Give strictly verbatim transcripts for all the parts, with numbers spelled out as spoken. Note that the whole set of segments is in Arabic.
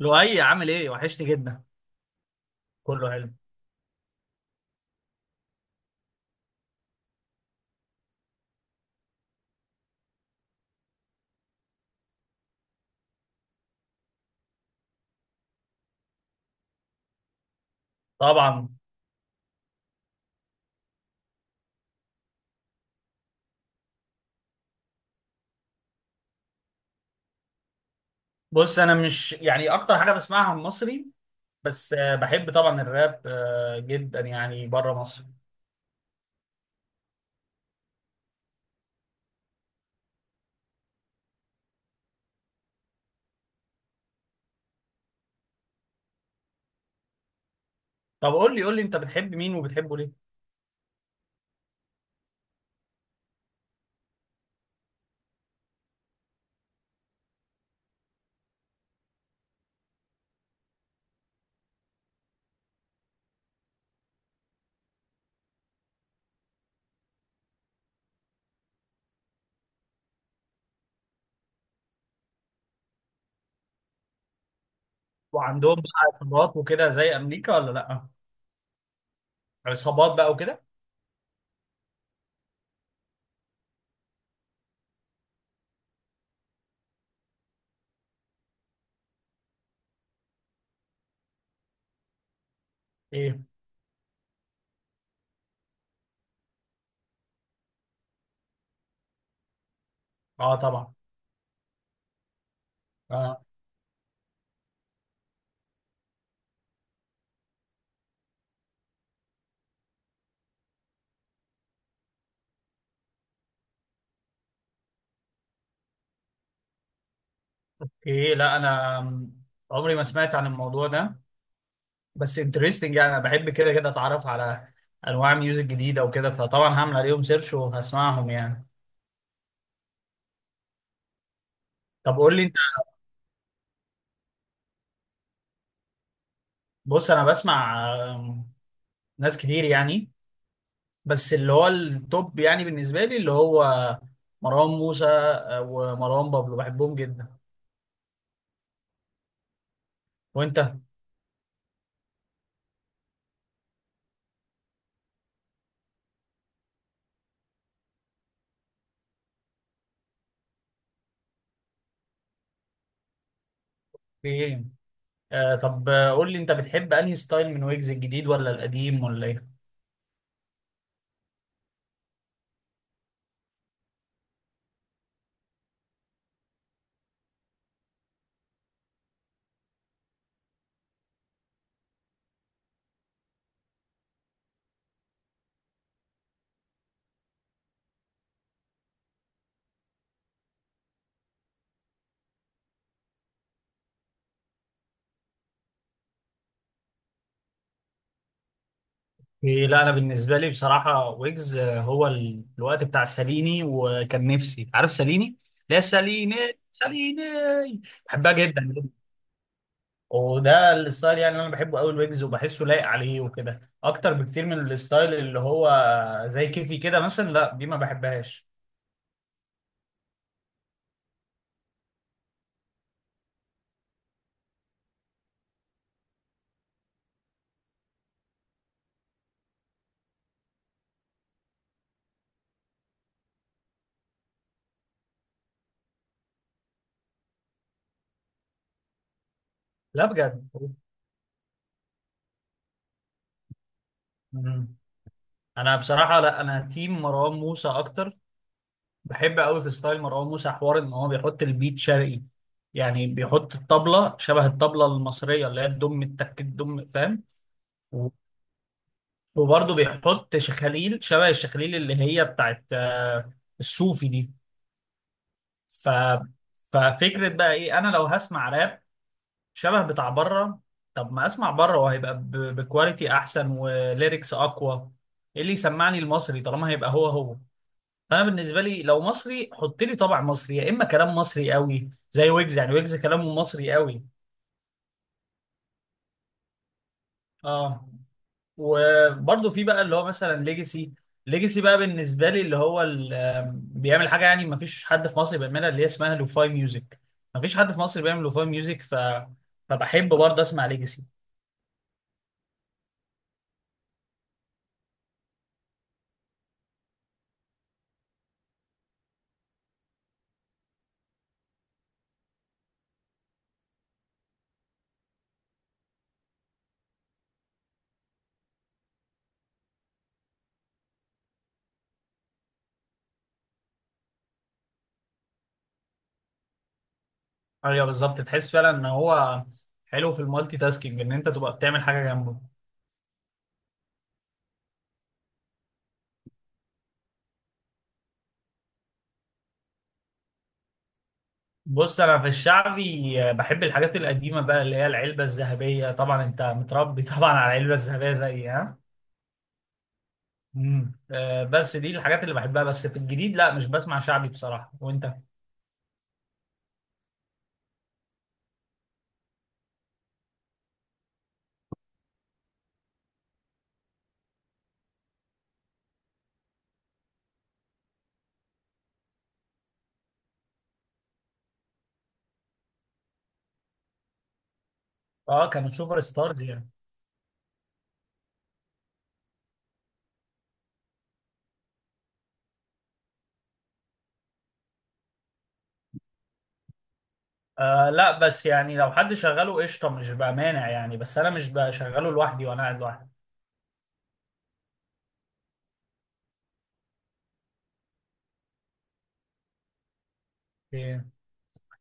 لؤي عامل ايه؟ وحشني جدا. كله حلو طبعا. بص، انا مش يعني اكتر حاجه بسمعها مصري، بس آه، بحب طبعا الراب، آه، جدا، يعني بره مصر. طب قول لي، قول لي انت بتحب مين وبتحبه ليه؟ وعندهم بقى عصابات وكده زي امريكا ولا لا؟ عصابات بقى وكده. ايه؟ اه طبعا. اه. ايه، لا انا م- عمري ما سمعت عن الموضوع ده، بس انترستنج. يعني انا بحب كده كده اتعرف على انواع ميوزك جديده وكده، فطبعا هعمل عليهم سيرش وهسمعهم يعني. طب قول لي، بص انا بسمع آه، ناس كتير يعني، بس اللي هو التوب يعني بالنسبه لي اللي هو مروان موسى، آه، ومروان بابلو، بحبهم جدا. وانت؟ في ايه؟ آه، طب، آه، قول لي انت بتحب انهي ستايل من ويجز، الجديد ولا القديم ولا ايه؟ إيه، لا انا بالنسبه لي بصراحه ويجز، آه، هو ال- الوقت بتاع ساليني، وكان نفسي، عارف ساليني؟ لا، ساليني. ساليني، بحبها جدا. وده الستايل يعني اللي انا بحبه قوي، الويجز، وبحسه لايق عليه وكده اكتر بكتير من الستايل اللي هو زي كيفي كده مثلا، لا دي ما بحبهاش. لا بجد. مم. انا بصراحه، لا انا تيم مروان موسى اكتر. بحب قوي في ستايل مروان موسى حوار ان هو بيحط البيت شرقي، يعني بيحط الطبله شبه الطبله المصريه اللي هي الدم التك الدم، فاهم؟ و- وبرضه بيحط شخاليل شبه الشخاليل اللي هي بتاعت آه، الصوفي دي. ف ففكره بقى ايه؟ انا لو هسمع راب شبه بتاع بره، طب ما اسمع بره، وهيبقى ب... بكواليتي احسن وليركس اقوى. ايه اللي يسمعني المصري طالما هيبقى هو هو؟ فانا بالنسبه لي لو مصري، حط لي طبع مصري، يا اما كلام مصري قوي زي ويجز، يعني ويجز كلامه مصري قوي. اه. وبرضه في بقى اللي هو مثلا ليجاسي. ليجاسي بقى بالنسبه لي اللي هو ال- آم، بيعمل حاجه يعني ما فيش حد في مصر بيعملها، اللي هي اسمها لوفاي ميوزك. ما فيش حد في مصر بيعمل لوفاي ميوزك. ف فبحب برضه اسمع ليجاسي. ايوه بالظبط، تحس فعلا ان هو حلو في المالتي تاسكينج، ان انت تبقى بتعمل حاجه جنبه. بص انا في الشعبي، آه، بحب الحاجات القديمه بقى اللي هي العلبه الذهبيه. طبعا انت متربي طبعا على العلبه الذهبيه زي ها. مم. آه، بس دي الحاجات اللي بحبها. بس في الجديد لا، مش بسمع شعبي بصراحه. وانت؟ اه، كانوا سوبر ستارز يعني. آه لا، بس يعني لو حد شغله قشطه، مش بقى مانع يعني، بس انا مش بشغله لوحدي وانا قاعد لوحدي. إيه.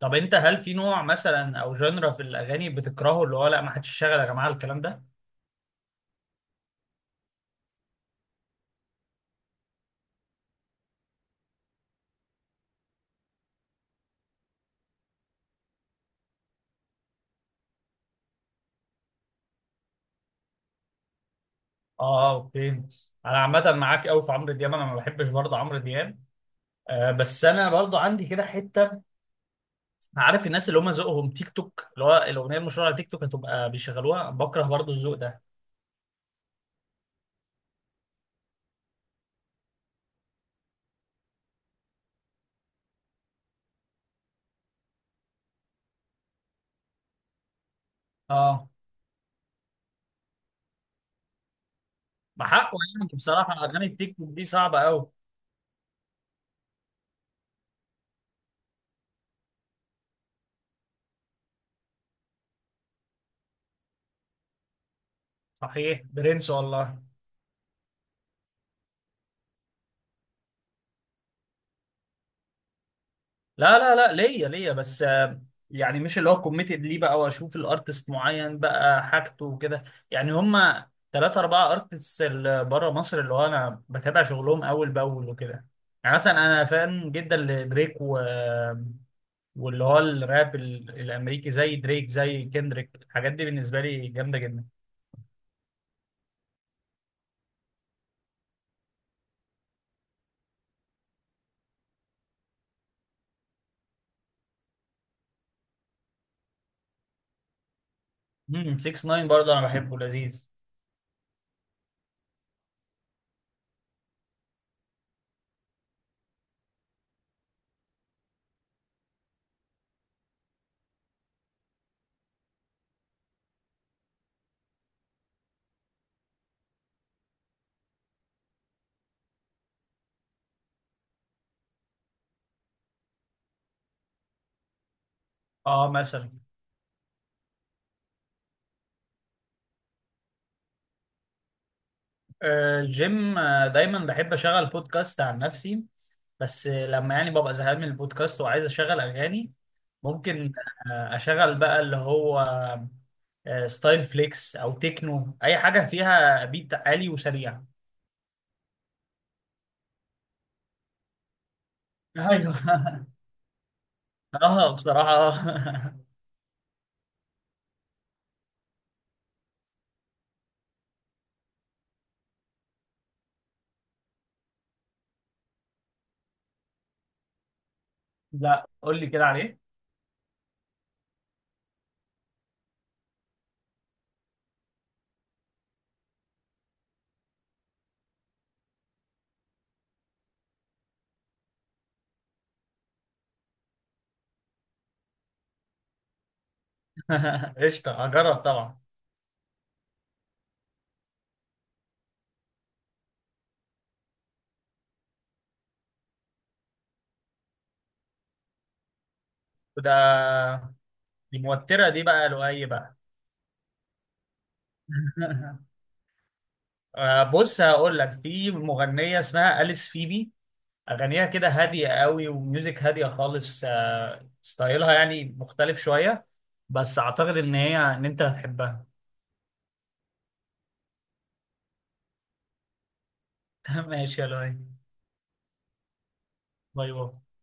طب انت هل في نوع مثلا او جنرا في الاغاني بتكرهه، اللي هو لا ما حدش يشغل يا جماعه الكلام ده؟ اه، آه، اوكي. انا عامه معاك قوي في عمرو دياب، انا ما بحبش برضه عمرو دياب. آه بس انا برضه عندي كده حته. عارف الناس اللي هم ذوقهم تيك توك، اللي هو الاغنيه المشهوره على تيك توك هتبقى بيشغلوها؟ بكره برضه الذوق ده. اه، بحقه يعني بصراحه اغاني التيك توك دي صعبه قوي. صحيح برنس والله. لا لا لا ليا، ليا بس آه، يعني مش اللي هو كوميتد ليه بقى واشوف الارتست معين بقى حاجته وكده. يعني هما ثلاثة أربعة ارتست اللي بره مصر اللي هو أنا بتابع شغلهم أول بأول وكده. يعني مثلا أنا فان جدا لدريك و... واللي هو الراب ال- الأمريكي زي دريك زي كندريك، الحاجات دي بالنسبة لي جامدة جدا. سيكس ناين برضه أنا بحبه، لذيذ. اه مثلا. آه، جيم، آه، دايما بحب أشغل بودكاست عن نفسي، بس لما يعني ببقى زهقان من البودكاست وعايز اشغل اغاني، ممكن آه، اشغل بقى اللي هو آه، ستايل فليكس او تكنو، اي حاجه فيها بيت عالي وسريع. ايوه. اه بصراحه آه. لا قول لي كده عليه. قشطه، هجرب طبعا. وده دي موتره دي بقى لؤي بقى. آه، بص هقول لك، في مغنيه اسمها أليس فيبي، اغانيها كده هاديه قوي وميوزك هاديه خالص. آه، ستايلها يعني مختلف شويه، بس اعتقد ان هي ان انت هتحبها. ماشي يا لؤي. باي باي.